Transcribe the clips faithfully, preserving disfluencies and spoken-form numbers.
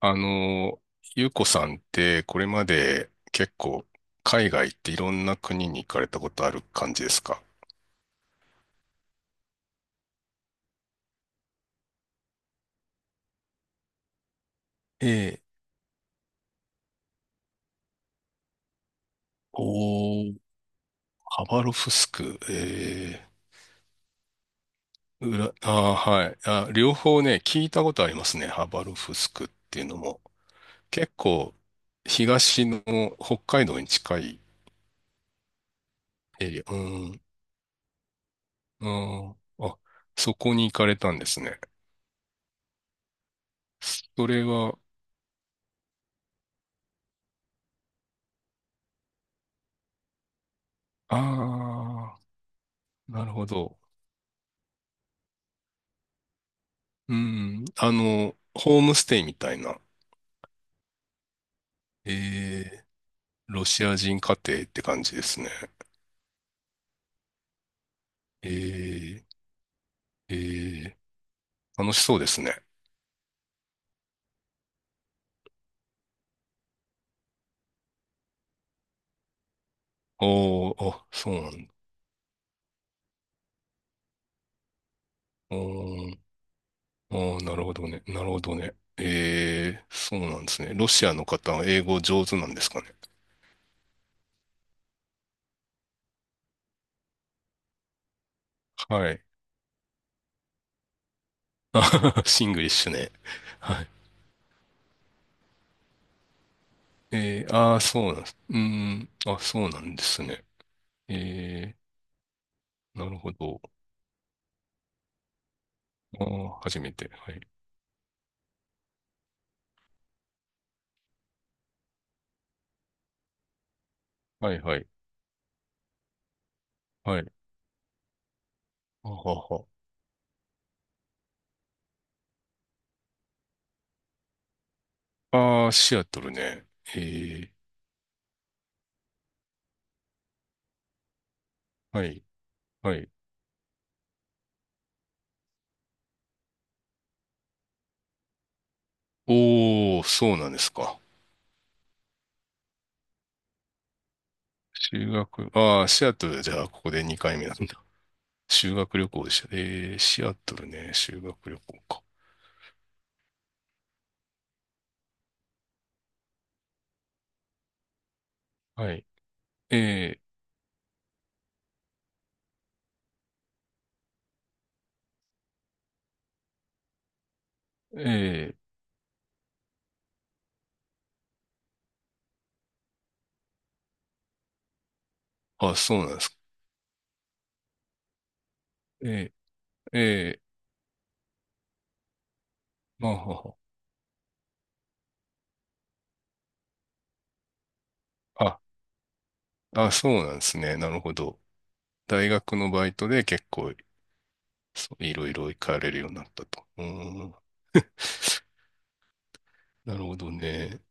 あの、ゆうこさんってこれまで結構海外っていろんな国に行かれたことある感じですか？ええ、おー、ハバロフスク、ええ、裏、あー、はい。あ、両方ね、聞いたことありますね。ハバロフスクっていうのも。結構、東の北海道に近いエリア。うん、うん、あ、そこに行かれたんですね。それは、ああ、なるほど。うん。あの、ホームステイみたいな。えー、ロシア人家庭って感じですね。えー、えー、楽しそうですね。おー、あ、そうなんだ。おー、おー、なるほどね。なるほどね。えー、そうなんですね。ロシアの方は英語上手なんですかね。はい。シングリッシュね。はい。えー、ああ、そうなんです。うーん、あ、そうなんですね。えー、なるほど。ああ、初めて。はい。はい、はい。はい。あはは。ああ、シアトルね。ええ、はい、はい。おー、そうなんですか。修学、ああ、シアトルじゃあ、ここでにかいめなんだ。修学旅行でした。ええ、シアトルね、修学旅行か。はい。ええ、ええ、あ、そうなんですか。ええ、ええ、まあ、ははあ、あ、そうなんですね。なるほど。大学のバイトで結構、そういろいろ行かれるようになったと。うーん。なるほどね。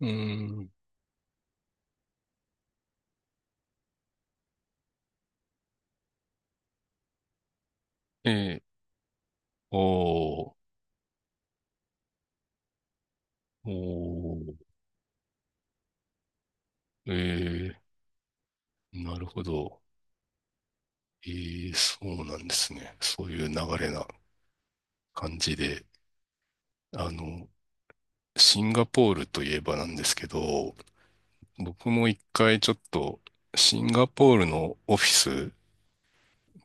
うーん。ええ、おー。おー、ええ、なるほど。えー、そうなんですね。そういう流れな感じで。あの、シンガポールといえばなんですけど、僕も一回ちょっと、シンガポールのオフィス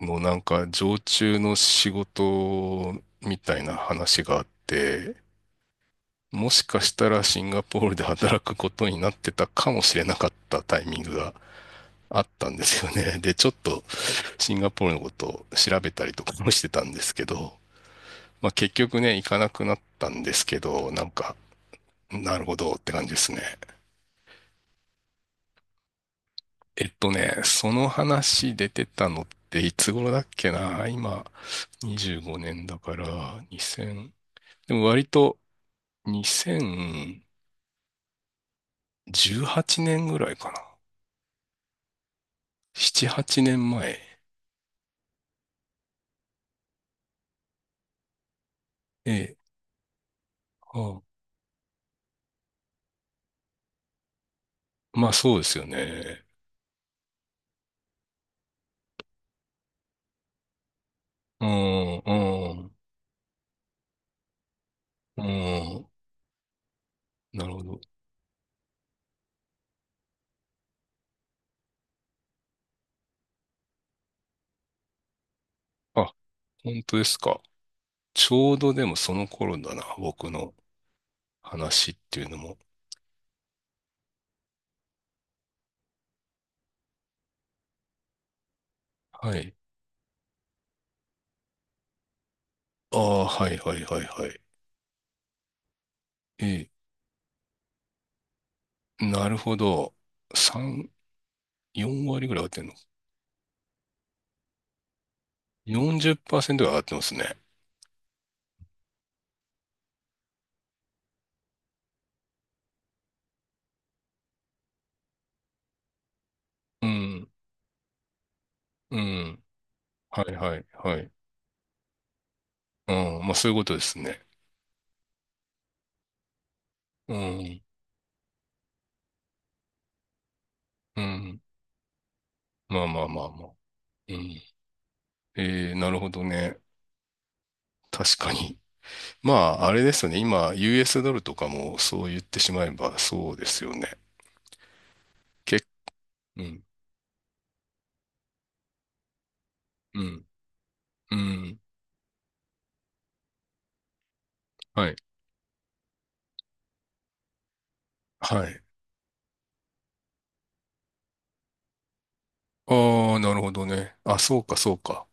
のなんか常駐の仕事みたいな話があって、もしかしたらシンガポールで働くことになってたかもしれなかったタイミングがあったんですよね。で、ちょっと、シンガポールのことを調べたりとかもしてたんですけど、まあ結局ね、行かなくなったんですけど、なんか、なるほどって感じですね。えっとね、その話出てたのっていつ頃だっけな今、にじゅうごねんだから、に ゼロでも割とにせんじゅうはちねんぐらいかな。なな、はちねんまえ。ええ、ああ、まあそうですよね。うん、うん、うん。なるほど。あ、本当ですか。ちょうどでもその頃だな、僕の話っていうのも。はい。ああ、はいはいはいはい。ええ、なるほど。さん、よん割ぐらい上がってんの？ よんじゅっパーセント が上がってますね。うん、うん。はいはいはい。うん、まあそういうことですね。うん、うん。まあまあまあまあ。うん。ええ、なるほどね。確かに。まあ、あれですよね。今、ユーエス ドルとかもそう言ってしまえばそうですよね。けうん、うん、うん。はいはい。ああ、なるほどね。あ、そうか、そうか。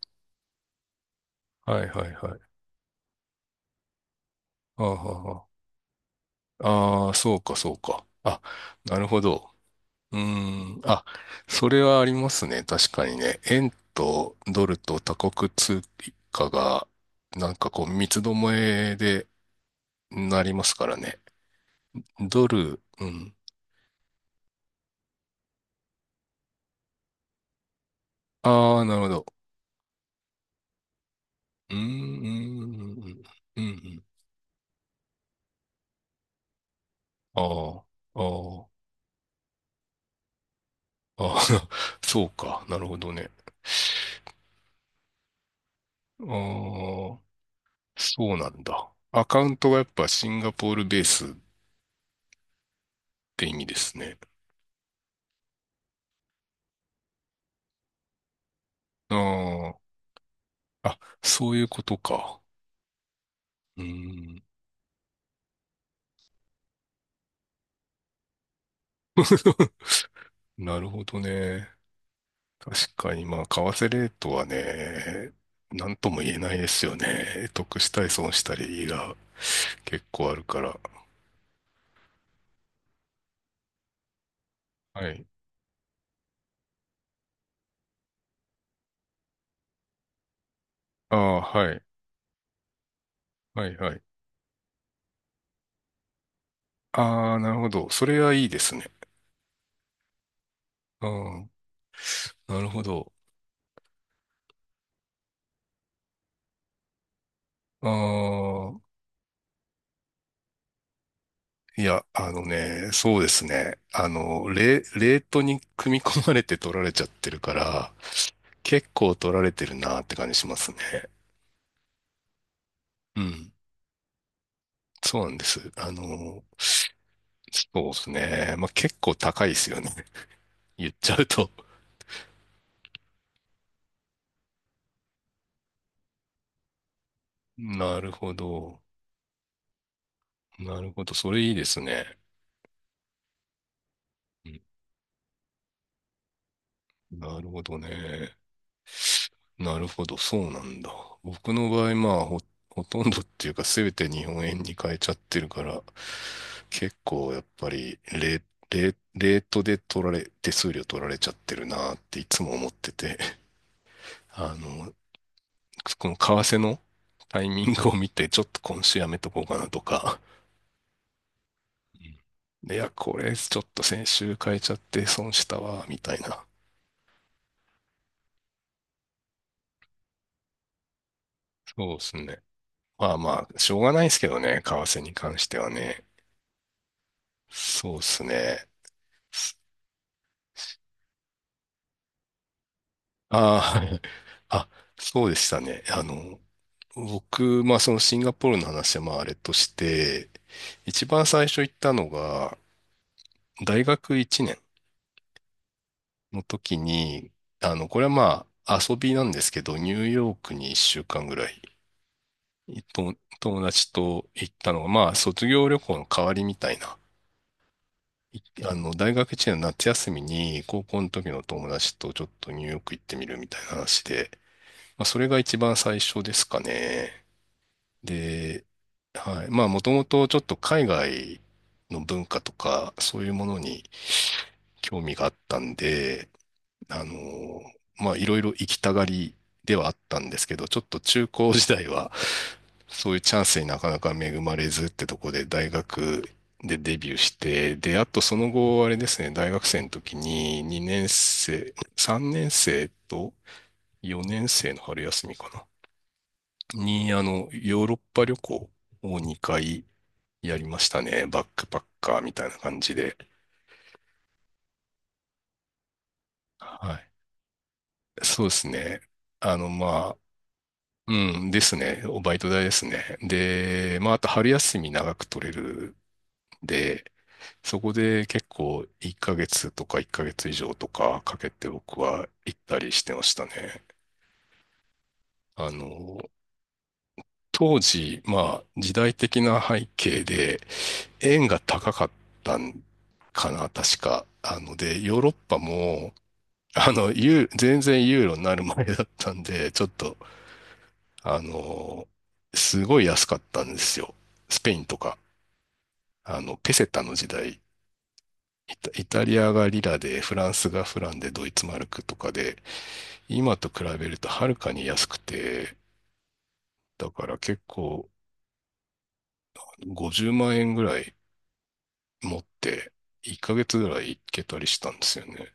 はい、はい、はい。ああ、はあ、ああーそうか、そうか。あ、なるほど。うーん。あ、それはありますね。確かにね。円とドルと他国通貨が、なんかこう、三つどもえでなりますからね。ドル、うん。ああ、なるほど。うーん、うん、うん、うん。うん、ああ、ああ、ああ、そうか。なるほどね。ああ。そうなんだ。アカウントがやっぱシンガポールベースって意味ですね。ああ、あ、そういうことか。うーん。なるほどね。確かに、まあ、為替レートはね、なんとも言えないですよね。得したり損したりが結構あるから。はい。ああ、はい。はい、はい。ああ、なるほど。それはいいですね。うん。なるほど。ああ、いや、あのね、そうですね。あの、レ、レートに組み込まれて取られちゃってるから、結構取られてるなって感じしますね。うん。そうなんです。あの、そうですね。まあ、結構高いですよね。言っちゃうと。なるほど。なるほど。それいいですね。うん、なるほどね。なるほど、そうなんだ。僕の場合、まあ、ほ、ほとんどっていうか、すべて日本円に変えちゃってるから、結構やっぱりレ、レ、レートで取られ、手数料取られちゃってるなっていつも思ってて、あの、この為替のタイミングを見て、ちょっと今週やめとこうかなとか、うん、いや、これちょっと先週変えちゃって損したわ、みたいな。そうですね。まあまあ、しょうがないですけどね、為替に関してはね。そうですね。ああ、あ、そうでしたね。あの、僕、まあそのシンガポールの話はまああれとして、一番最初行ったのが、大学いちねんの時に、あの、これはまあ遊びなんですけど、ニューヨークにいっしゅうかんぐらい、と友達と行ったのが、まあ卒業旅行の代わりみたいな。いあの、大学いちねんの夏休みに、高校の時の友達とちょっとニューヨーク行ってみるみたいな話で、まあ、それが一番最初ですかね。で、はい。まあ、もともとちょっと海外の文化とか、そういうものに興味があったんで、あの、まあ、いろいろ行きたがりではあったんですけど、ちょっと中高時代は、そういうチャンスになかなか恵まれずってとこで、大学でデビューして、で、あとその後、あれですね、大学生の時ににねん生、さんねん生とよねん生の春休みかな。に、あの、ヨーロッパ旅行をにかいやりましたね。バックパッカーみたいな感じで。はい。そうですね。あの、まあ、うん、ですね。おバイト代ですね。で、まあ、あと春休み長く取れるんで、そこで結構いっかげつとかいっかげつ以上とかかけて僕は行ったりしてましたね。あの、当時、まあ、時代的な背景で、円が高かったんかな、確か。あので、ヨーロッパも、あの、ユー全然ユーロになる前だったんで、ちょっと、あの、すごい安かったんですよ。スペインとか、あの、ペセタの時代、イタ、イタリアがリラで、フランスがフランで、ドイツマルクとかで、今と比べるとはるかに安くて、だから結構ごじゅうまん円ぐらい持って、いっかげつぐらい行けたりしたんですよね。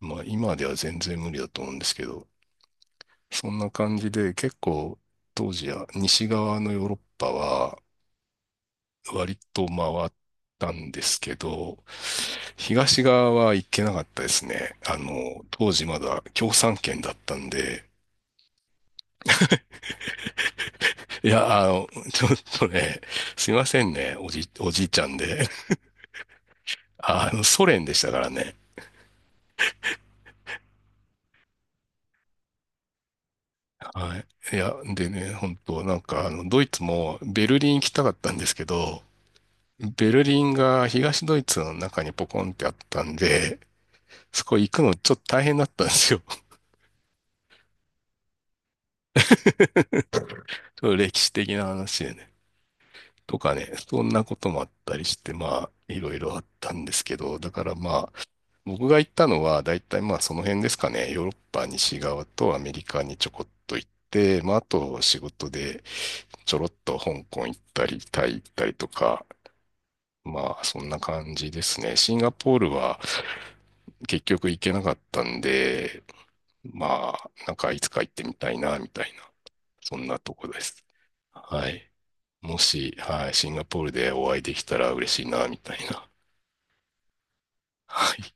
まあ今では全然無理だと思うんですけど、そんな感じで結構当時は西側のヨーロッパは割と回ったんですけど、東側は行けなかったですね。あの、当時まだ共産圏だったんで、いや、あの、ちょっとね、すいませんね、おじ、おじいちゃんで。あの、ソ連でしたからね。はい。いや、でね、本当なんかあの、ドイツもベルリン行きたかったんですけど、ベルリンが東ドイツの中にポコンってあったんで、そこ行くのちょっと大変だったんですよ。ちょっと歴史的な話でね。とかね、そんなこともあったりして、まあ、いろいろあったんですけど、だからまあ、僕が行ったのは、だいたいまあその辺ですかね。ヨーロッパ西側とアメリカにちょこっと行って、まああと仕事でちょろっと香港行ったり、タイ行ったりとか、まあそんな感じですね。シンガポールは結局行けなかったんで、まあ、なんかいつか行ってみたいな、みたいな、そんなとこです。はい。もし、はい、シンガポールでお会いできたら嬉しいな、みたいな。はい。